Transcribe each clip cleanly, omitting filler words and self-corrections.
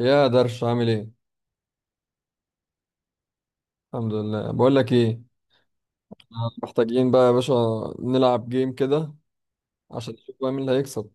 يا درش عامل ايه؟ الحمد لله. بقول لك ايه؟ آه. محتاجين بقى يا باشا نلعب جيم كده عشان نشوف بقى مين اللي هيكسب.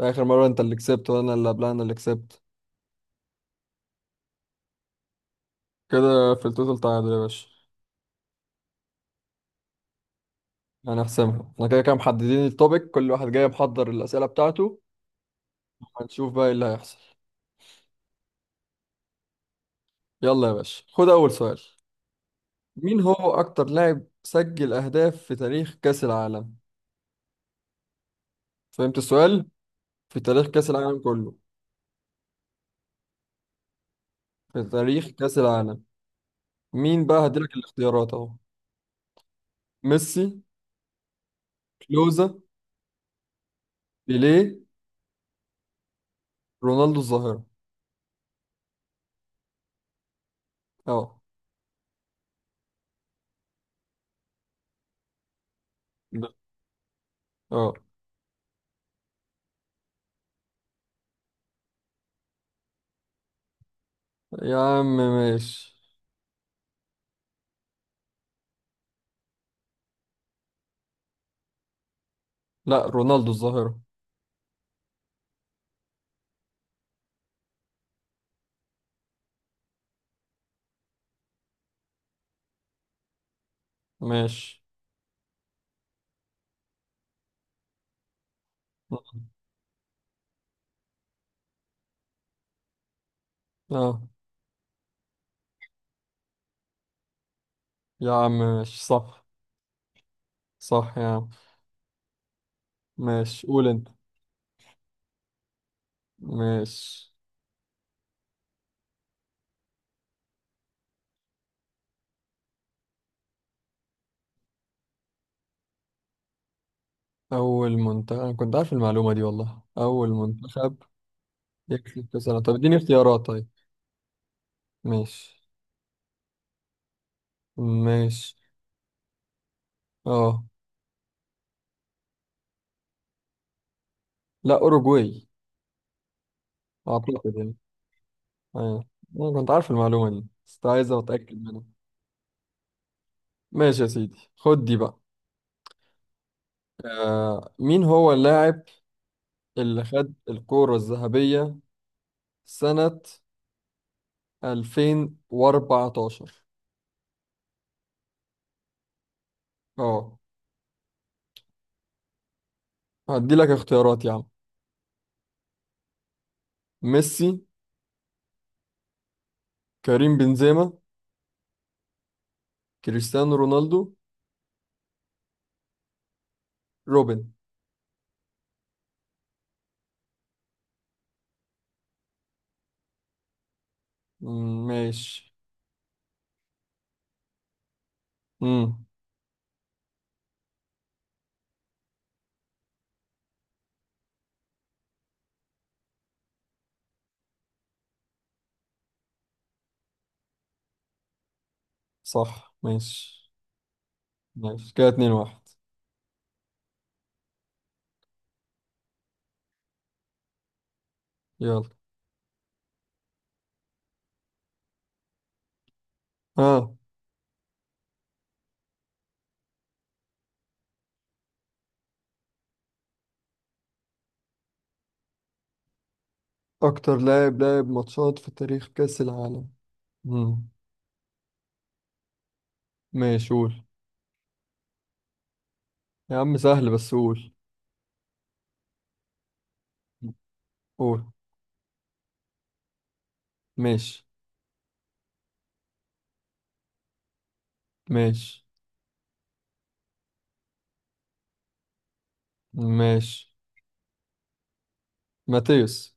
اخر مره انت اللي كسبت وانا اللي قبلها انا اللي كسبت. كده في التوتال تعادل يا باشا. هنحسمها احنا كده كده، محددين التوبيك، كل واحد جاي محضر الاسئله بتاعته. هنشوف بقى ايه اللي هيحصل. يلا يا باشا، خد اول سؤال. مين هو اكتر لاعب سجل اهداف في تاريخ كاس العالم؟ فهمت السؤال؟ في تاريخ كاس العالم كله، في تاريخ كاس العالم. مين بقى؟ هديلك الاختيارات اهو: ميسي، كلوزا، بيليه، رونالدو الظاهرة. اه. ب- اه. يا عم ماشي. لا رونالدو الظاهرة. ماشي. اه يا عم ماشي صح. صح يا عم. ماشي، قول انت. ماشي. أول منتخب، أنا كنت عارف المعلومة دي والله. أول منتخب يكسب كأس العالم؟ طب اديني اختيارات طيب. ماشي. ماشي. اه. لا أوروجواي. أعتقد يعني. أيوة، أنا كنت عارف المعلومة دي بس كنت عايز أتأكد منها. ماشي يا سيدي، خد دي بقى. آه، مين هو اللاعب اللي خد الكرة الذهبية سنة 2014؟ اه هدي لك اختيارات يا عم: ميسي، كريم بنزيما، كريستيانو رونالدو، روبن. مم، ماشي. امم. صح ماشي. ماشي كده 2 واحد. يلا. ها. اكتر لاعب لعب ماتشات في تاريخ كأس العالم. امم. ماشي قول. يا عم سهل، بس قول. قول. ماشي. ماشي. ماشي. ماتيوس.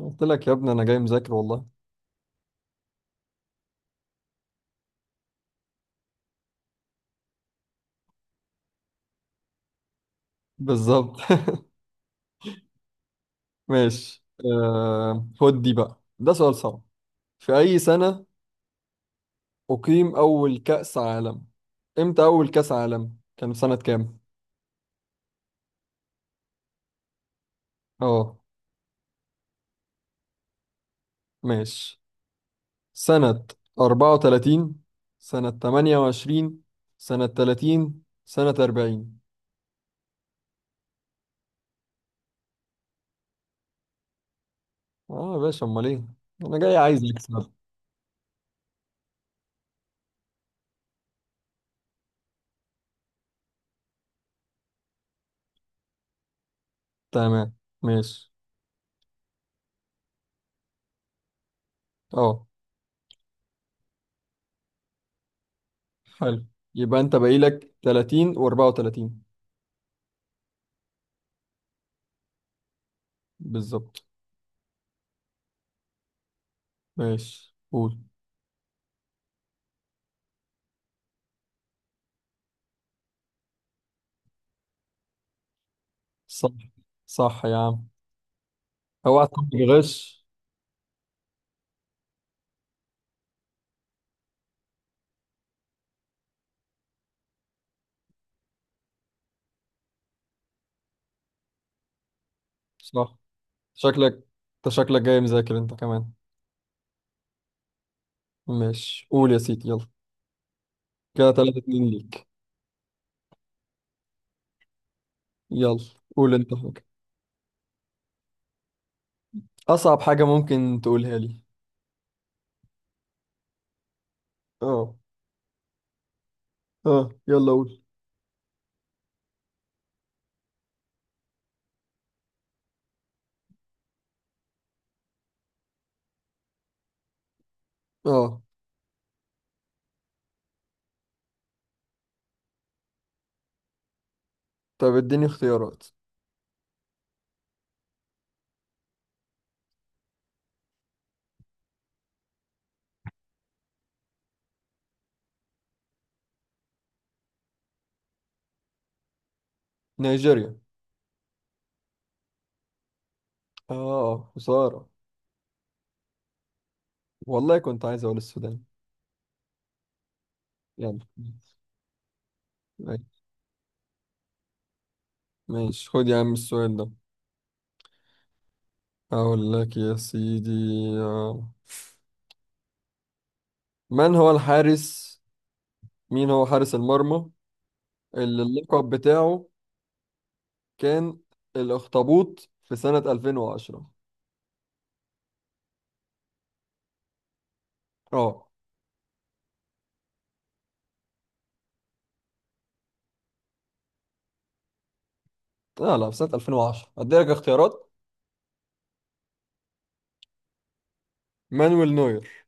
قلت لك يا ابني انا جاي مذاكر والله. بالظبط. ماشي. آه خد دي بقى، ده سؤال صعب. في اي سنة اقيم اول كأس عالم؟ امتى اول كأس عالم؟ كان في سنة كام؟ اه ماشي. سنة 34، سنة 28، سنة 30، سنة 40. اه يا باشا، امال ايه؟ انا جاي عايز اكسب. تمام. ماشي. اه حلو. يبقى انت باقي لك 30 و34. بالظبط. ماشي قول. صح. صح يا عم. اوعى تكون بتغش. صح. شكلك، انت شكلك جاي مذاكر انت كمان. ماشي، قول يا سيدي يلا. كده 3-2 ليك. يلا. قول انت حاجة. اصعب حاجة ممكن تقولها لي. اه. اه يلا قول. اه. طب اديني اختيارات. نيجيريا. اه خسارة. والله كنت عايز اقول السودان. يلا. ماشي. ماشي، خد يا عم السؤال ده. اقول لك يا سيدي. آه. من هو الحارس، مين هو حارس المرمى اللي اللقب بتاعه كان الأخطبوط في سنة 2010؟ اه. لا لا، في سنة 2010. هديلك اختيارات: مانويل نوير،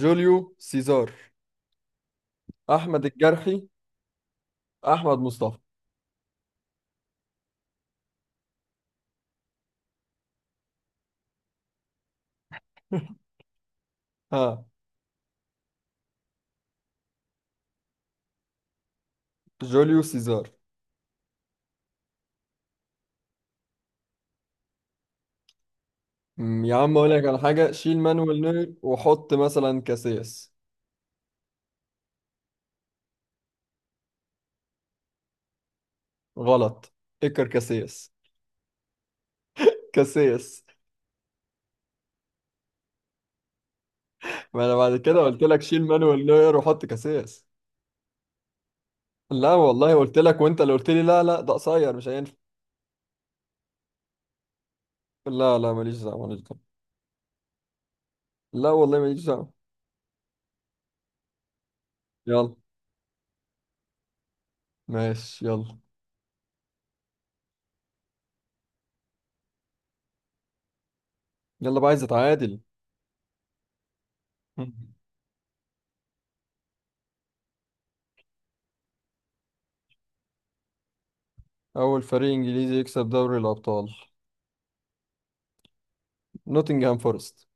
جوليو سيزار، أحمد الجرحي، أحمد مصطفى. ها. جوليو سيزار. أمم، يا عم أقول لك على حاجة، شيل مانويل نوير وحط مثلا كاسياس. غلط. اكر كاسياس. كاسياس. ما أنا بعد كده قلت لك شيل مانويل نوير وحط كاسياس. لا والله قلت لك، وانت اللي قلت لي لا لا ده قصير مش هينفع. لا لا ماليش دعوه، ماليش دعوه. لا والله ماليش دعوه. يلا. ماشي يلا. يلا بقى عايز اتعادل. اول فريق انجليزي يكسب دوري الابطال؟ نوتنغهام فورست.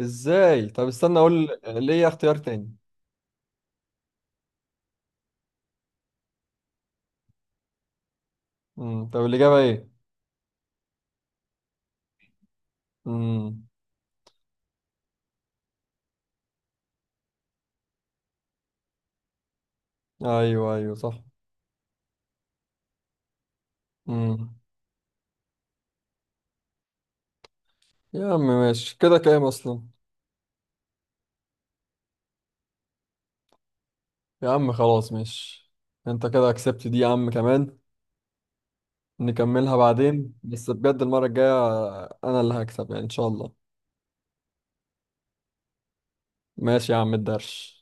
ازاي؟ طب استنى اقول ليه اختيار تاني. امم. طب الاجابه ايه؟ امم. ايوه ايوه صح. امم. يا عم ماشي. كده كام اصلا؟ يا عم خلاص ماشي. انت كده كسبت دي يا عم كمان. نكملها بعدين، بس بجد المرة الجاية أنا اللي هكسب يعني إن شاء الله. ماشي يا عم الدرش.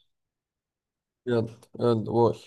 يلا يلا قول.